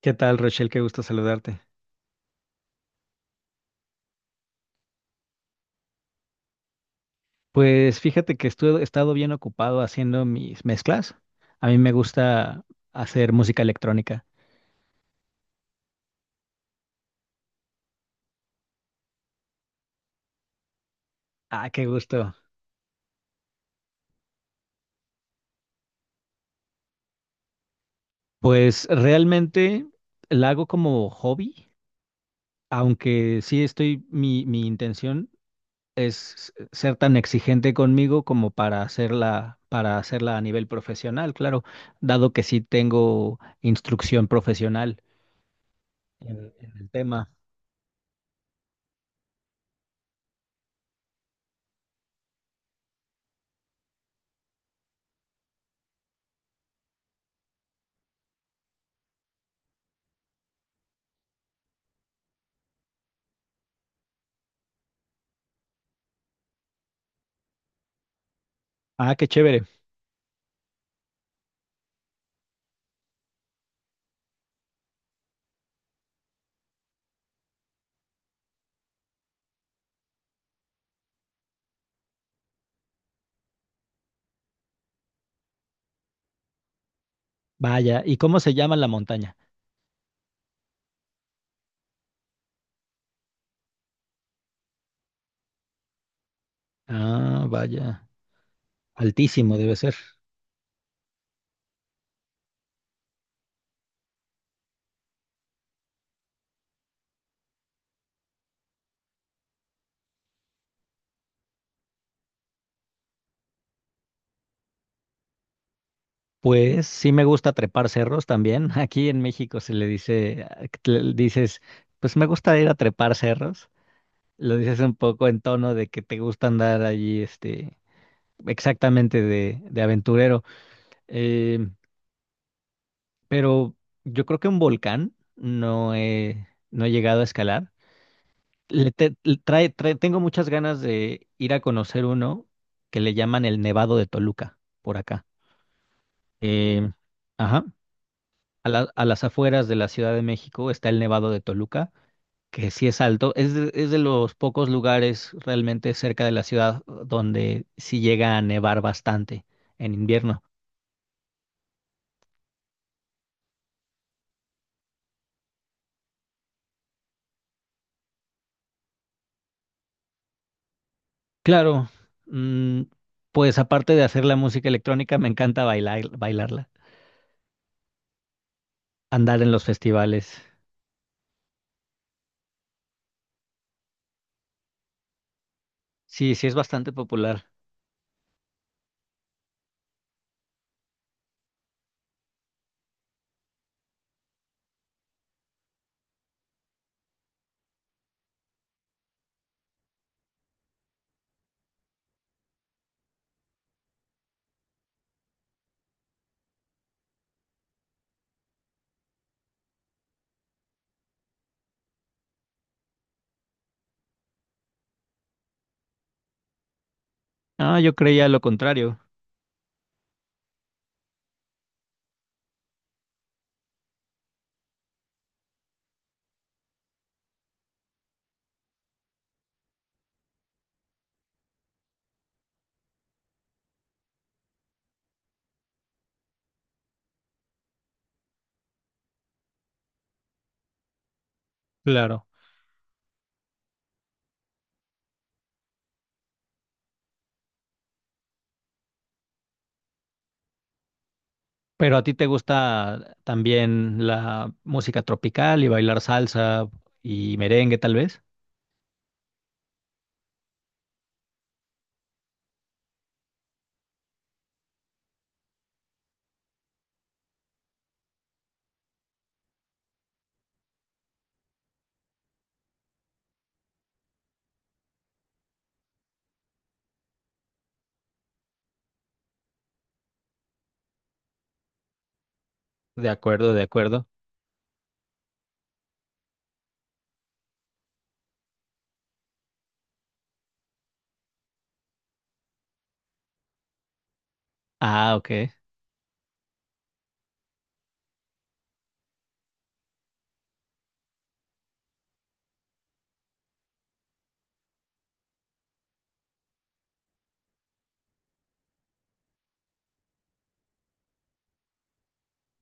¿Qué tal, Rochelle? Qué gusto saludarte. Pues fíjate que he estado bien ocupado haciendo mis mezclas. A mí me gusta hacer música electrónica. Ah, qué gusto. Pues realmente la hago como hobby, aunque sí estoy, mi intención es ser tan exigente conmigo como para hacerla a nivel profesional, claro, dado que sí tengo instrucción profesional en el tema. Ah, qué chévere. Vaya, ¿y cómo se llama la montaña? Ah, vaya, altísimo debe ser. Pues sí me gusta trepar cerros también. Aquí en México se le dice, ah, que le dices, pues me gusta ir a trepar cerros. Lo dices un poco en tono de que te gusta andar allí, este, exactamente de aventurero. Eh, pero yo creo que un volcán no he llegado a escalar. Le te- le trae, trae- Tengo muchas ganas de ir a conocer uno que le llaman el Nevado de Toluca por acá. Eh, ajá, a las afueras de la Ciudad de México está el Nevado de Toluca, que sí es alto. Es de los pocos lugares realmente cerca de la ciudad, donde sí llega a nevar bastante en invierno. Claro, mm, pues aparte de hacer la música electrónica, me encanta bailar, bailarla, andar en los festivales. Sí, sí es bastante popular. Ah, yo creía lo contrario. Claro. Pero a ti te gusta también la música tropical y bailar salsa y merengue, tal vez. De acuerdo, de acuerdo. Ah, ok.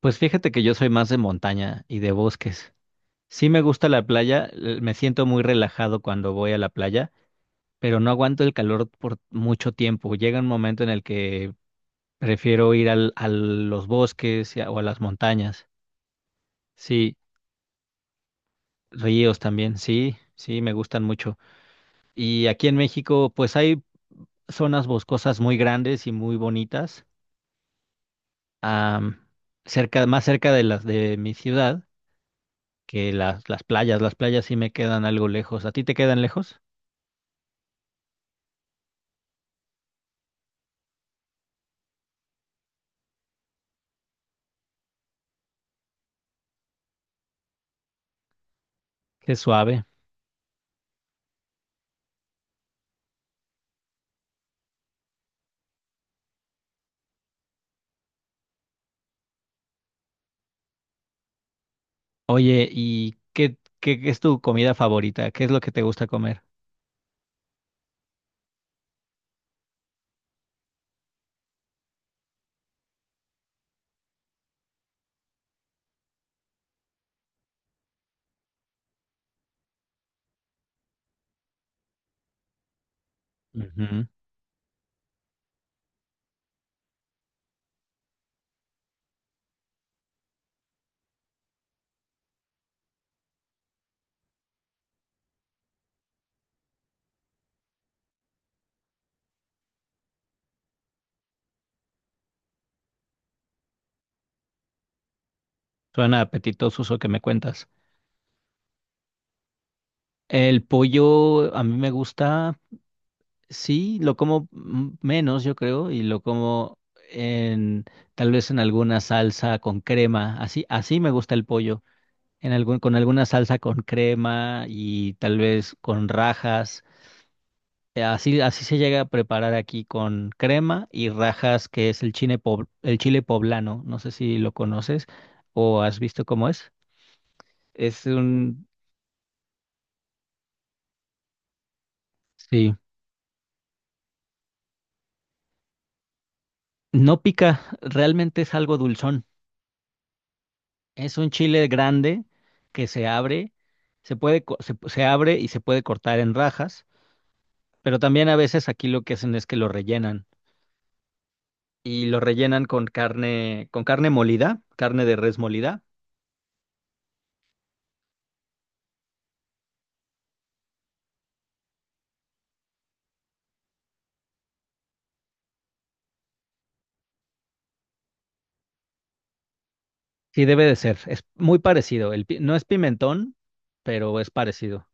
Pues fíjate que yo soy más de montaña y de bosques. Sí me gusta la playa, l- me siento muy relajado cuando voy a la playa, pero no aguanto el calor por mucho tiempo. Llega un momento en el que prefiero ir al, a los bosques o a las montañas. Sí, ríos también, sí, sí, me gustan mucho. Y aquí en México, pues hay zonas boscosas muy grandes y muy bonitas, am, cerca, más cerca de las de mi ciudad que las playas. Las playas sí me quedan algo lejos. ¿A ti te quedan lejos? Qué suave. Oye, ¿y qué es tu comida favorita? ¿Qué es lo que te gusta comer? Ujú. Suena apetitoso eso que me cuentas. El pollo a mí me gusta, sí, lo como menos, yo creo, y lo como en tal vez en alguna salsa con crema. Así, así me gusta el pollo. En algún, con alguna salsa con crema y tal vez con rajas. Así, así se llega a preparar aquí con crema y rajas, que es el chile, el chile poblano. No sé si lo conoces o has visto cómo es. Es un... Sí. No pica, realmente es algo dulzón. Es un chile grande que se abre, se puede, se abre y se puede cortar en rajas, pero también a veces aquí lo que hacen es que lo rellenan. Y lo rellenan con carne molida, carne de res molida. Sí, debe de ser. Es muy parecido. El, no es pimentón, pero es parecido.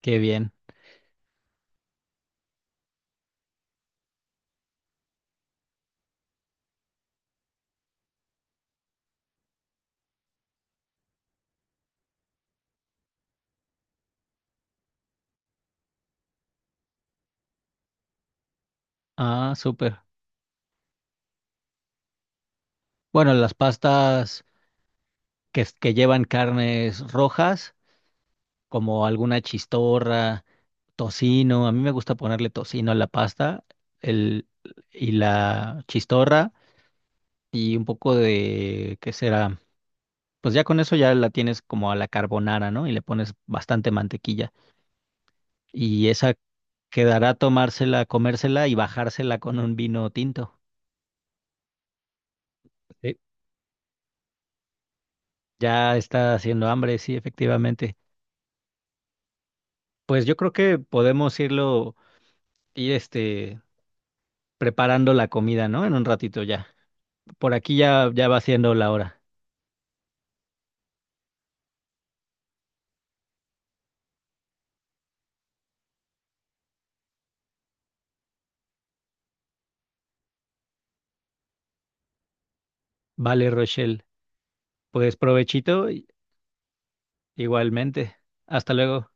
Qué bien. Ah, súper. Bueno, las pastas que, que llevan carnes rojas, como alguna chistorra, tocino. A mí me gusta ponerle tocino a la pasta el, y la chistorra y un poco de, ¿qué será? Pues ya con eso ya la tienes como a la carbonara, ¿no? Y le pones bastante mantequilla. Y esa quedará tomársela, comérsela y bajársela con un vino tinto. Sí, ya está haciendo hambre, sí, efectivamente. Pues yo creo que podemos irlo, ir este, preparando la comida, ¿no? En un ratito ya. Por aquí ya, ya va siendo la hora. Vale, Rochelle. Pues provechito, igualmente. Hasta luego.